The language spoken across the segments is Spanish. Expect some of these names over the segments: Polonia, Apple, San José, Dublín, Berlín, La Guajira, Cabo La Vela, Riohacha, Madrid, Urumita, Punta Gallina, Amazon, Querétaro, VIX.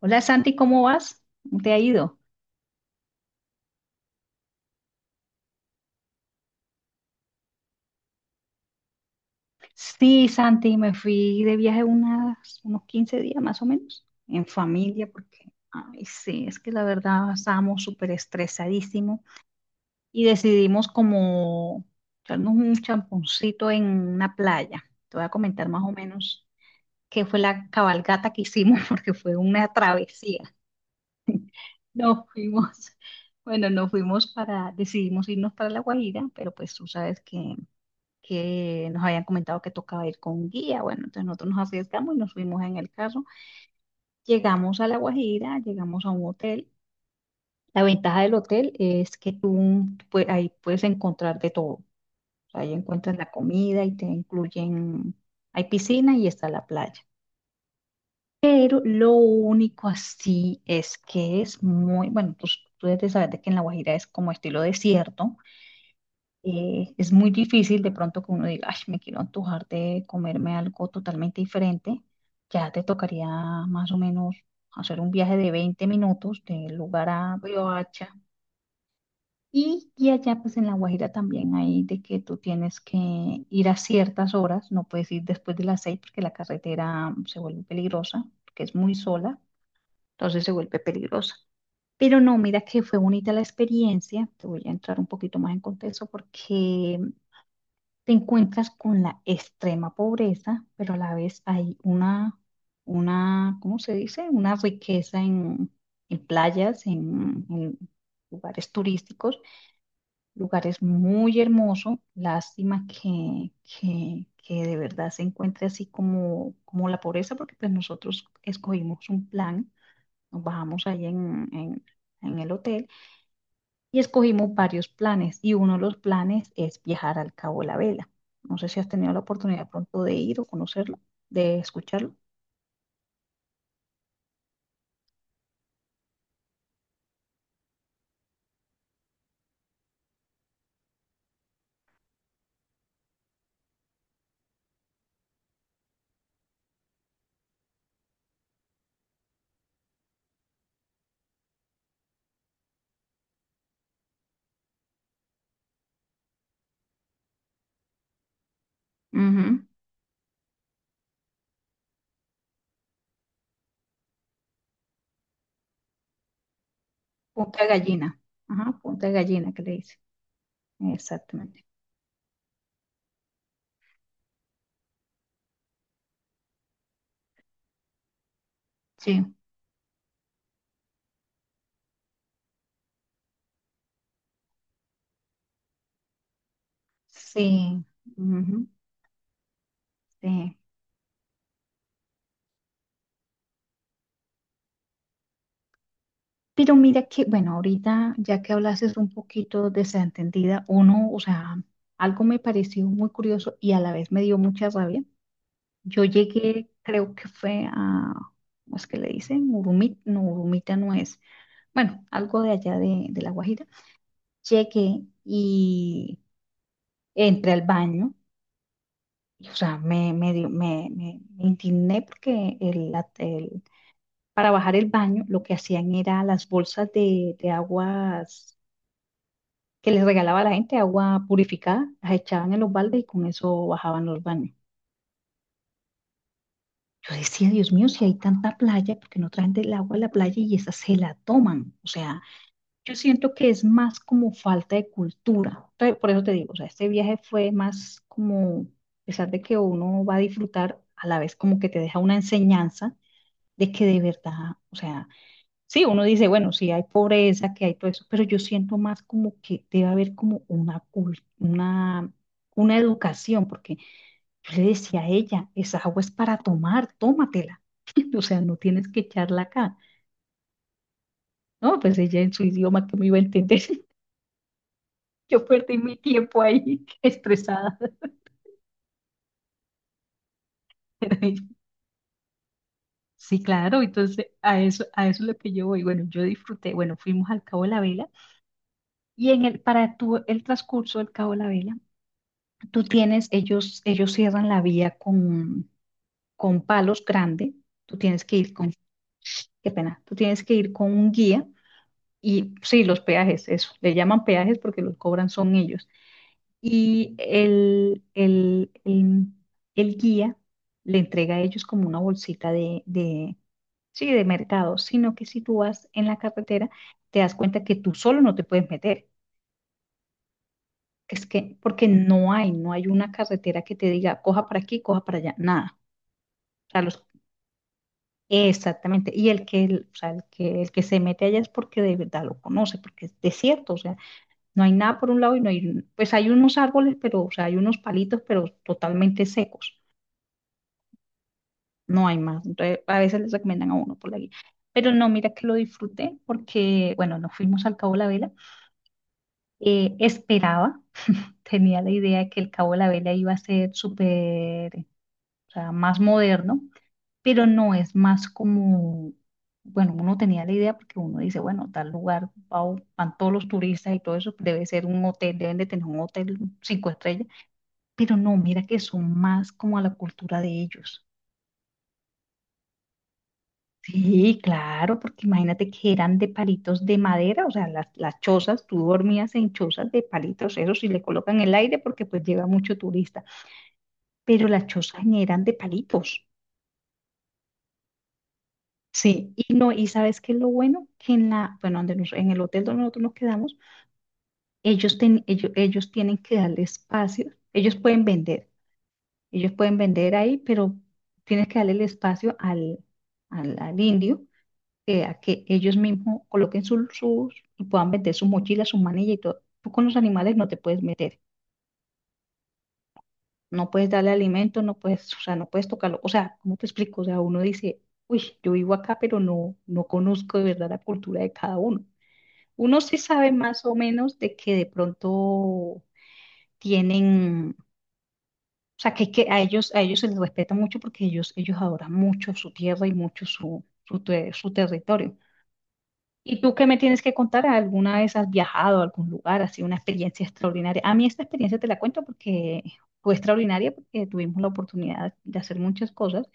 Hola Santi, ¿cómo vas? ¿Cómo ¿Te ha ido? Sí, Santi, me fui de viaje unos 15 días más o menos, en familia, porque, ay, sí, es que la verdad estábamos súper estresadísimos y decidimos como echarnos un champoncito en una playa. Te voy a comentar más o menos qué fue la cabalgata que hicimos, porque fue una travesía. Nos fuimos, bueno, nos fuimos para, decidimos irnos para La Guajira, pero pues tú sabes que nos habían comentado que tocaba ir con guía. Bueno, entonces nosotros nos arriesgamos y nos fuimos en el carro. Llegamos a La Guajira, llegamos a un hotel. La ventaja del hotel es que tú, pues, ahí puedes encontrar de todo. O sea, ahí encuentras la comida y te incluyen, hay piscina y está la playa. Pero lo único así es que es muy, bueno, pues tú debes de saber de que en La Guajira es como estilo desierto. Es muy difícil de pronto que uno diga, ay, me quiero antojar de comerme algo totalmente diferente. Ya te tocaría más o menos hacer un viaje de 20 minutos del lugar a Riohacha. Y allá pues en La Guajira también hay de que tú tienes que ir a ciertas horas, no puedes ir después de las 6 porque la carretera se vuelve peligrosa, porque es muy sola, entonces se vuelve peligrosa. Pero no, mira que fue bonita la experiencia. Te voy a entrar un poquito más en contexto porque te encuentras con la extrema pobreza, pero a la vez hay una, ¿cómo se dice? Una riqueza en, en playas, en lugares turísticos, lugares muy hermosos. Lástima que de verdad se encuentre así como la pobreza, porque pues nosotros escogimos un plan, nos bajamos ahí en el hotel y escogimos varios planes y uno de los planes es viajar al Cabo La Vela. No sé si has tenido la oportunidad pronto de ir o conocerlo, de escucharlo. Ujú. Punta Gallina, ajá, Punta Gallina que le dice, exactamente. Sí, sí, ujú, sí. Pero mira que, bueno, ahorita ya que hablases un poquito de Santa entendida uno, o sea, algo me pareció muy curioso y a la vez me dio mucha rabia. Yo llegué, creo que fue a, ¿cómo es que le dicen? Urumita no es. Bueno, algo de allá de La Guajira. Llegué y entré al baño. Y, o sea, me, dio- me- me indigné porque para bajar el baño lo que hacían era las bolsas de aguas que les regalaba la gente, agua purificada, las echaban en los baldes y con eso bajaban los baños. Yo decía, Dios mío, si hay tanta playa, ¿por qué no traen del agua a la playa y esa se la toman? O sea, yo siento que es más como falta de cultura. Por eso te digo, o sea, este viaje fue más como, a pesar de que uno va a disfrutar, a la vez como que te deja una enseñanza de que de verdad, o sea, sí, uno dice, bueno, sí hay pobreza, que hay todo eso, pero yo siento más como que debe haber como una educación, porque yo le decía a ella, esa agua es para tomar, tómatela. O sea, no tienes que echarla acá. No, pues ella en su idioma que me iba a entender. Yo perdí mi tiempo ahí estresada. Sí, claro, entonces a eso, es lo que yo voy. Bueno, yo disfruté, bueno, fuimos al Cabo de la Vela y en el, para tu, el transcurso del Cabo de la Vela, ellos cierran la vía con palos grandes, tú tienes que ir con, qué pena, tú tienes que ir con un guía. Y sí, los peajes, eso, le llaman peajes porque los cobran son ellos. Y el guía le entrega a ellos como una bolsita de, sí, de mercado, sino que si tú vas en la carretera, te das cuenta que tú solo no te puedes meter. Es que, porque no hay una carretera que te diga, coja para aquí, coja para allá, nada. O sea, exactamente. O sea, el que se mete allá es porque de verdad lo conoce, porque es desierto, o sea. No hay nada por un lado y no hay, pues hay unos árboles, pero, o sea, hay unos palitos, pero totalmente secos. No hay más. Entonces, a veces les recomiendan a uno por la guía. Pero no, mira que lo disfruté porque, bueno, nos fuimos al Cabo de la Vela. Esperaba, tenía la idea de que el Cabo de la Vela iba a ser súper, o sea, más moderno, pero no es más como, bueno, uno tenía la idea porque uno dice, bueno, tal lugar, van todos los turistas y todo eso, debe ser un hotel, deben de tener un hotel 5 estrellas. Pero no, mira que son más como a la cultura de ellos. Sí, claro, porque imagínate que eran de palitos de madera, o sea, las chozas, tú dormías en chozas de palitos, eso sí le colocan el aire porque pues llega mucho turista, pero las chozas eran de palitos. Sí, y no, y sabes qué es lo bueno, que bueno, en el hotel donde nosotros nos quedamos, ellos tienen que darle espacio, ellos pueden vender ahí, pero tienes que darle el espacio al indio, a que ellos mismos coloquen sus, y puedan meter sus mochilas, sus manillas y todo. Tú con los animales no te puedes meter, no puedes darle alimento, no puedes, o sea, no puedes tocarlo. O sea, ¿cómo te explico? O sea, uno dice, uy, yo vivo acá, pero no, no conozco de verdad la cultura de cada uno. Uno sí sabe más o menos de que de pronto tienen, o sea, que a ellos, se les respeta mucho porque ellos adoran mucho su tierra y mucho su territorio. ¿Y tú qué me tienes que contar? ¿Alguna vez has viajado a algún lugar, así una experiencia extraordinaria? A mí esta experiencia te la cuento porque fue extraordinaria porque tuvimos la oportunidad de hacer muchas cosas.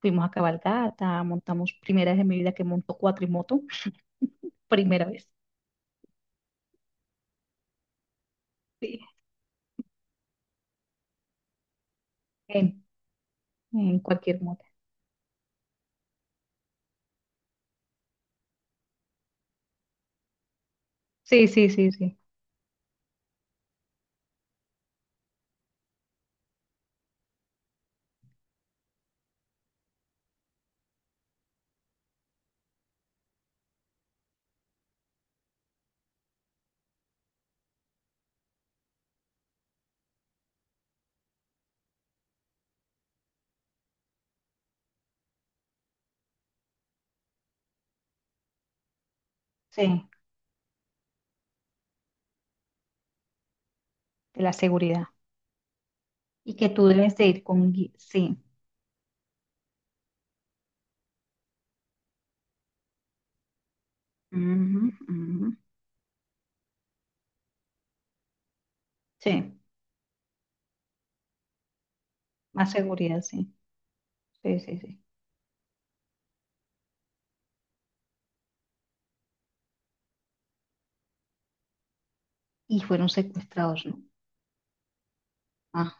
Fuimos a cabalgata, montamos primera vez en mi vida que monto cuatrimoto, primera vez, sí, en, en cualquier moto. Sí, sí, sí, sí, sí, de la seguridad. Y que tú debes de ir con guía, sí, ujú, ujú, sí, más seguridad, sí, sí, sí, sí. Y fueron secuestrados, ¿no? Ah,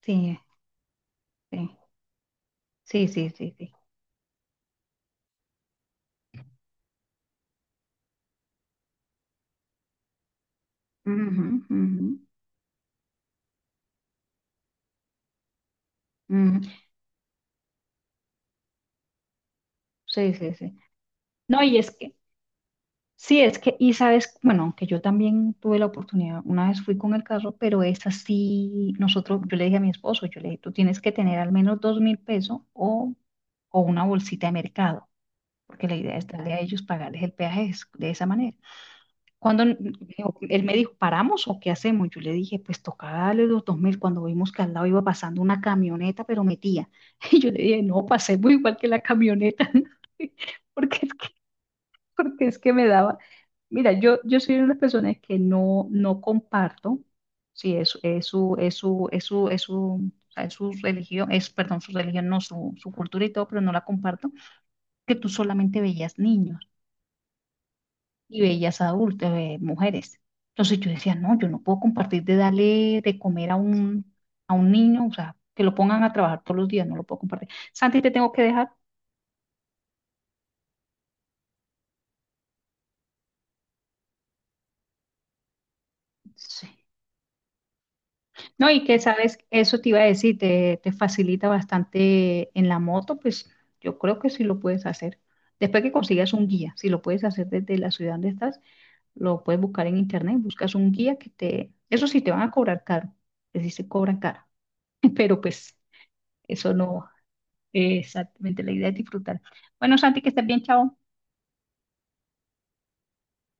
sí, sí. Sí, sí, sí, sí. Ujú, ujú, ujú. Sí, sí, sí. No, y es que, sí, es que, y sabes, bueno, aunque yo también tuve la oportunidad, una vez fui con el carro, pero es así, nosotros, yo le dije a mi esposo, yo le dije, tú tienes que tener al menos 2.000 pesos o una bolsita de mercado, porque la idea es darle a ellos pagarles el peaje de esa manera. Cuando él me dijo, ¿paramos o qué hacemos? Yo le dije, pues tocaba darle los 2.000. Cuando vimos que al lado iba pasando una camioneta, pero metía. Y yo le dije, no, pasemos igual que la camioneta, porque es que, porque es que me daba. Mira, yo soy una de las personas que no, no comparto, sí, es su, o sea, es su religión, es, perdón, su religión, no, su cultura y todo, pero no la comparto, que tú solamente veías niños y bellas adultas, mujeres. Entonces yo decía, no, yo no puedo compartir de darle de comer a un, niño, o sea, que lo pongan a trabajar todos los días, no lo puedo compartir. Santi, te tengo que dejar. Sí. No, y que sabes, eso te iba a decir, te facilita bastante en la moto, pues yo creo que sí lo puedes hacer. Después que consigas un guía, si lo puedes hacer desde la ciudad donde estás, lo puedes buscar en internet, buscas un guía eso sí te van a cobrar caro, es decir, se cobran caro, pero pues eso no. Exactamente, la idea es disfrutar. Bueno, Santi, que estés bien, chao.